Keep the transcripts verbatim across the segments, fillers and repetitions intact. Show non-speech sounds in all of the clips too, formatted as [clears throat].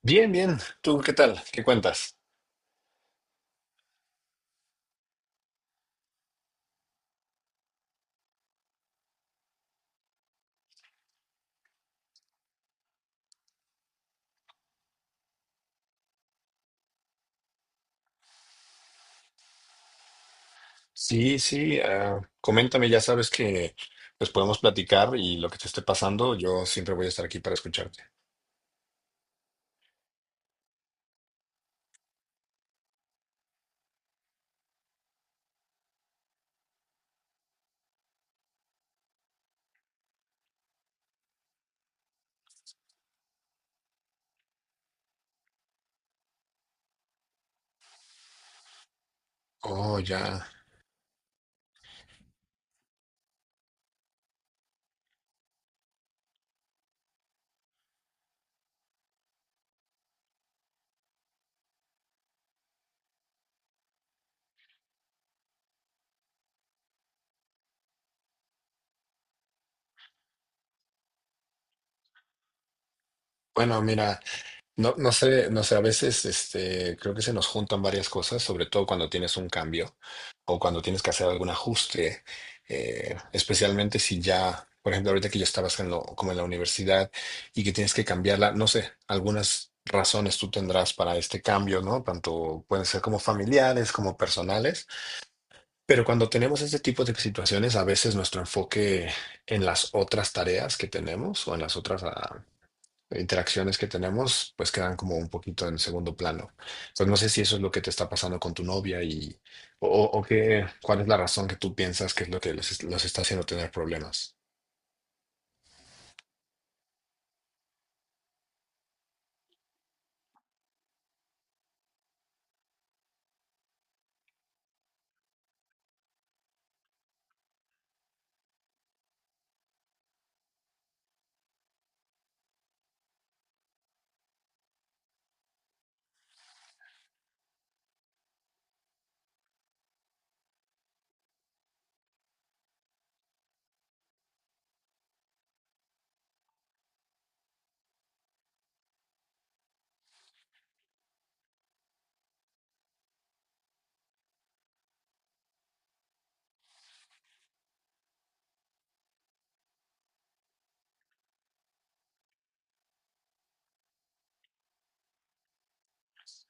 Bien, bien. ¿Tú qué tal? ¿Qué cuentas? Sí, sí. ah, coméntame, ya sabes que pues podemos platicar y lo que te esté pasando, yo siempre voy a estar aquí para escucharte. Oh, ya. Bueno, mira. No, no sé, no sé, a veces este, creo que se nos juntan varias cosas, sobre todo cuando tienes un cambio o cuando tienes que hacer algún ajuste, eh, especialmente si ya, por ejemplo, ahorita que yo estaba haciendo como en la universidad y que tienes que cambiarla, no sé, algunas razones tú tendrás para este cambio, ¿no? Tanto pueden ser como familiares, como personales, pero cuando tenemos este tipo de situaciones, a veces nuestro enfoque en las otras tareas que tenemos o en las otras ah, interacciones que tenemos, pues quedan como un poquito en segundo plano. Entonces no sé si eso es lo que te está pasando con tu novia y o, o qué, cuál es la razón que tú piensas que es lo que los, los está haciendo tener problemas.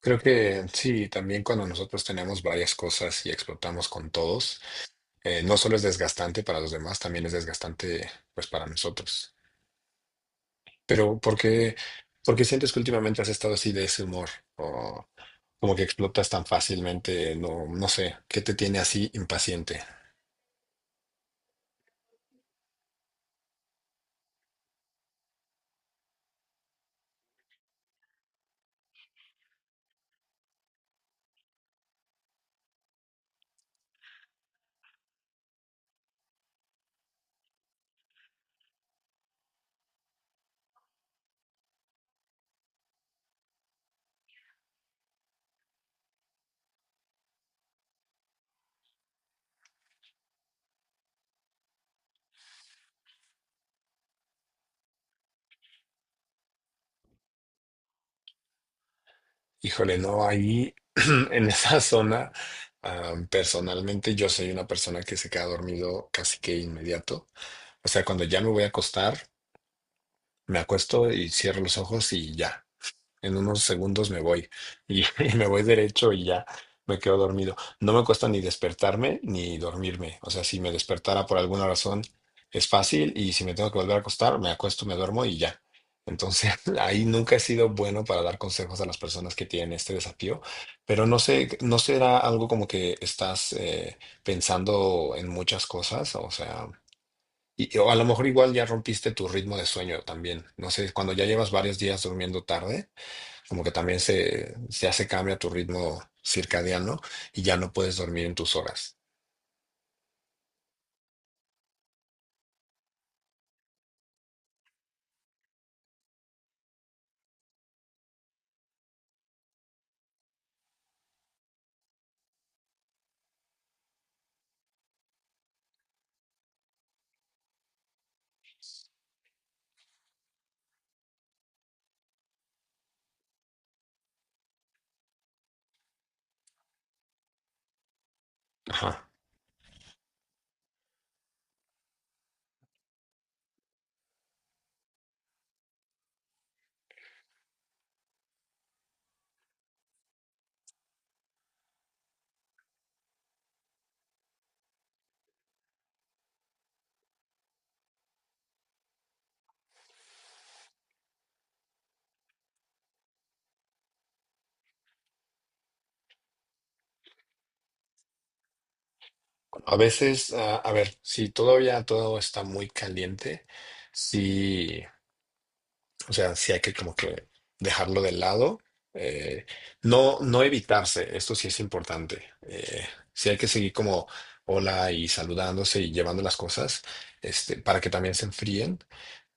Creo que sí, también cuando nosotros tenemos varias cosas y explotamos con todos, eh, no solo es desgastante para los demás, también es desgastante pues para nosotros. Pero ¿por qué, por qué sientes que últimamente has estado así de ese humor? Como que explotas tan fácilmente, no, no sé, ¿qué te tiene así impaciente? Híjole, no, ahí [clears throat] en esa zona, ah, personalmente yo soy una persona que se queda dormido casi que inmediato. O sea, cuando ya me voy a acostar, me acuesto y cierro los ojos y ya. En unos segundos me voy. Y, [laughs] y me voy derecho y ya me quedo dormido. No me cuesta ni despertarme ni dormirme. O sea, si me despertara por alguna razón es fácil y si me tengo que volver a acostar, me acuesto, me duermo y ya. Entonces, [laughs] ahí nunca he sido bueno para dar consejos a las personas que tienen este desafío, pero no sé, no será algo como que estás eh, pensando en muchas cosas, o sea, y o a lo mejor igual ya rompiste tu ritmo de sueño también. No sé, cuando ya llevas varios días durmiendo tarde, como que también se, ya se cambia tu ritmo circadiano y ya no puedes dormir en tus horas. Ajá. A veces, ah, a ver, si todavía todo está muy caliente, sí. O sea, sí hay que como que dejarlo de lado. eh, no, no evitarse, esto sí es importante. eh, sí hay que seguir como hola y saludándose y llevando las cosas, este, para que también se enfríen.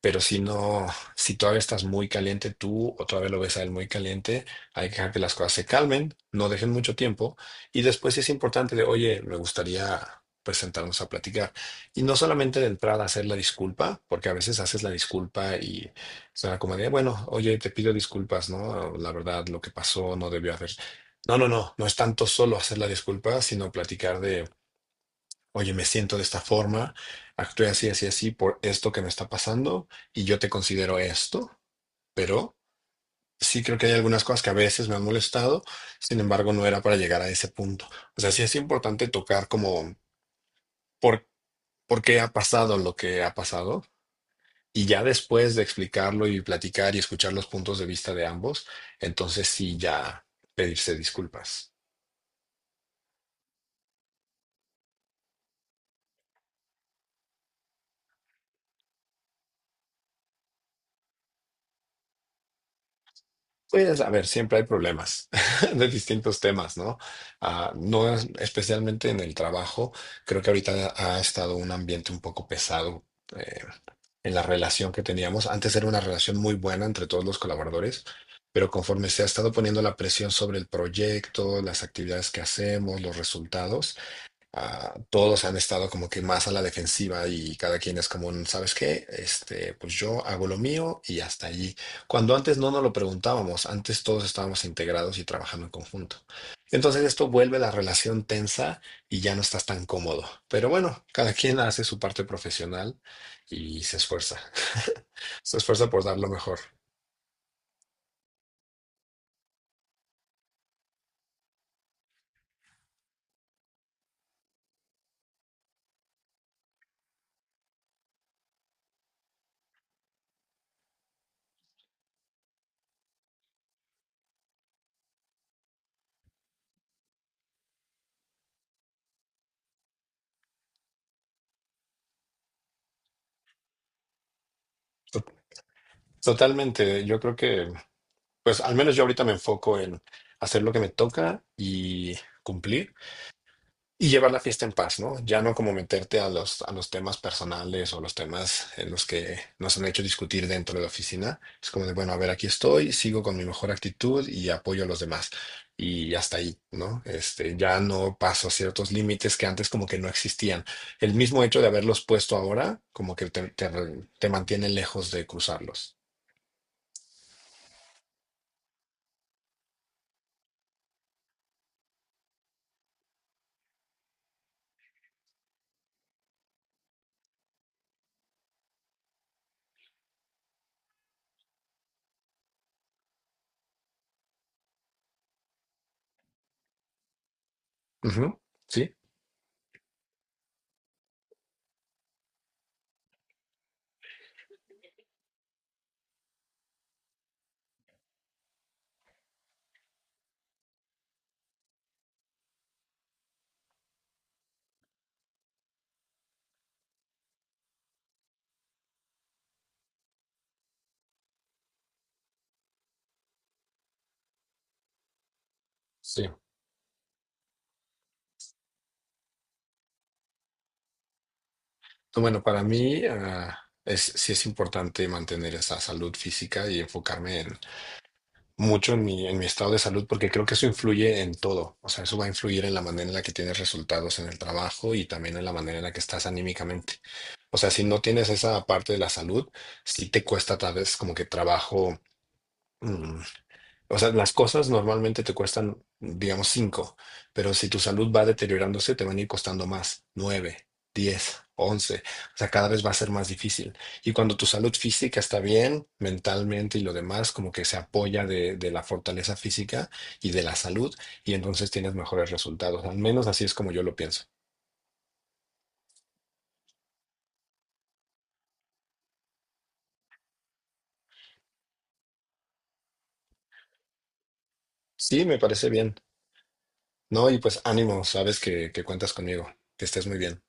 Pero si no, si todavía estás muy caliente tú o todavía lo ves a él muy caliente, hay que dejar que las cosas se calmen, no dejen mucho tiempo. Y después sí es importante de, oye, me gustaría pues sentarnos a platicar. Y no solamente de entrada hacer la disculpa, porque a veces haces la disculpa y o sea, como de, bueno, oye, te pido disculpas, ¿no? La verdad, lo que pasó no debió haber. No, no, no, no es tanto solo hacer la disculpa, sino platicar de, oye, me siento de esta forma, actué así, así, así por esto que me está pasando y yo te considero esto, pero sí creo que hay algunas cosas que a veces me han molestado, sin embargo, no era para llegar a ese punto. O sea, sí es importante tocar como por, por qué ha pasado lo que ha pasado, y ya después de explicarlo y platicar y escuchar los puntos de vista de ambos, entonces sí ya pedirse disculpas. Pues a ver, siempre hay problemas [laughs] de distintos temas, ¿no? Ah, no es- especialmente en el trabajo, creo que ahorita ha estado un ambiente un poco pesado eh, en la relación que teníamos. Antes era una relación muy buena entre todos los colaboradores, pero conforme se ha estado poniendo la presión sobre el proyecto, las actividades que hacemos, los resultados, ah, todos han estado como que más a la defensiva y cada quien es como un, ¿sabes qué? Este, pues yo hago lo mío y hasta allí. Cuando antes no nos lo preguntábamos, antes todos estábamos integrados y trabajando en conjunto. Entonces esto vuelve la relación tensa y ya no estás tan cómodo. Pero bueno, cada quien hace su parte profesional y se esfuerza. [laughs] Se esfuerza por dar lo mejor. To- Totalmente. Yo creo que, pues al menos yo ahorita me enfoco en hacer lo que me toca y cumplir y llevar la fiesta en paz, ¿no? Ya no como meterte a los, a los temas personales o los temas en los que nos han hecho discutir dentro de la oficina. Es como de, bueno, a ver, aquí estoy, sigo con mi mejor actitud y apoyo a los demás. Y hasta ahí, ¿no? Este, ya no paso ciertos límites que antes como que no existían. El mismo hecho de haberlos puesto ahora, como que te, te, te mantiene lejos de cruzarlos. Ujú. Sí, sí. Bueno, para mí, ah, es, sí es importante mantener esa salud física y enfocarme en mucho en mi, en mi estado de salud porque creo que eso influye en todo. O sea, eso va a influir en la manera en la que tienes resultados en el trabajo y también en la manera en la que estás anímicamente. O sea, si no tienes esa parte de la salud, sí te cuesta tal vez como que trabajo. mm, o sea, las cosas normalmente te cuestan, digamos, cinco, pero si tu salud va deteriorándose, te van a ir costando más, nueve, diez, once. O sea, cada vez va a ser más difícil. Y cuando tu salud física está bien, mentalmente y lo demás, como que se apoya de, de la fortaleza física y de la salud, y entonces tienes mejores resultados. Al menos así es como yo lo pienso. Sí, me parece bien. No, y pues ánimo, sabes que, que cuentas conmigo, que estés muy bien.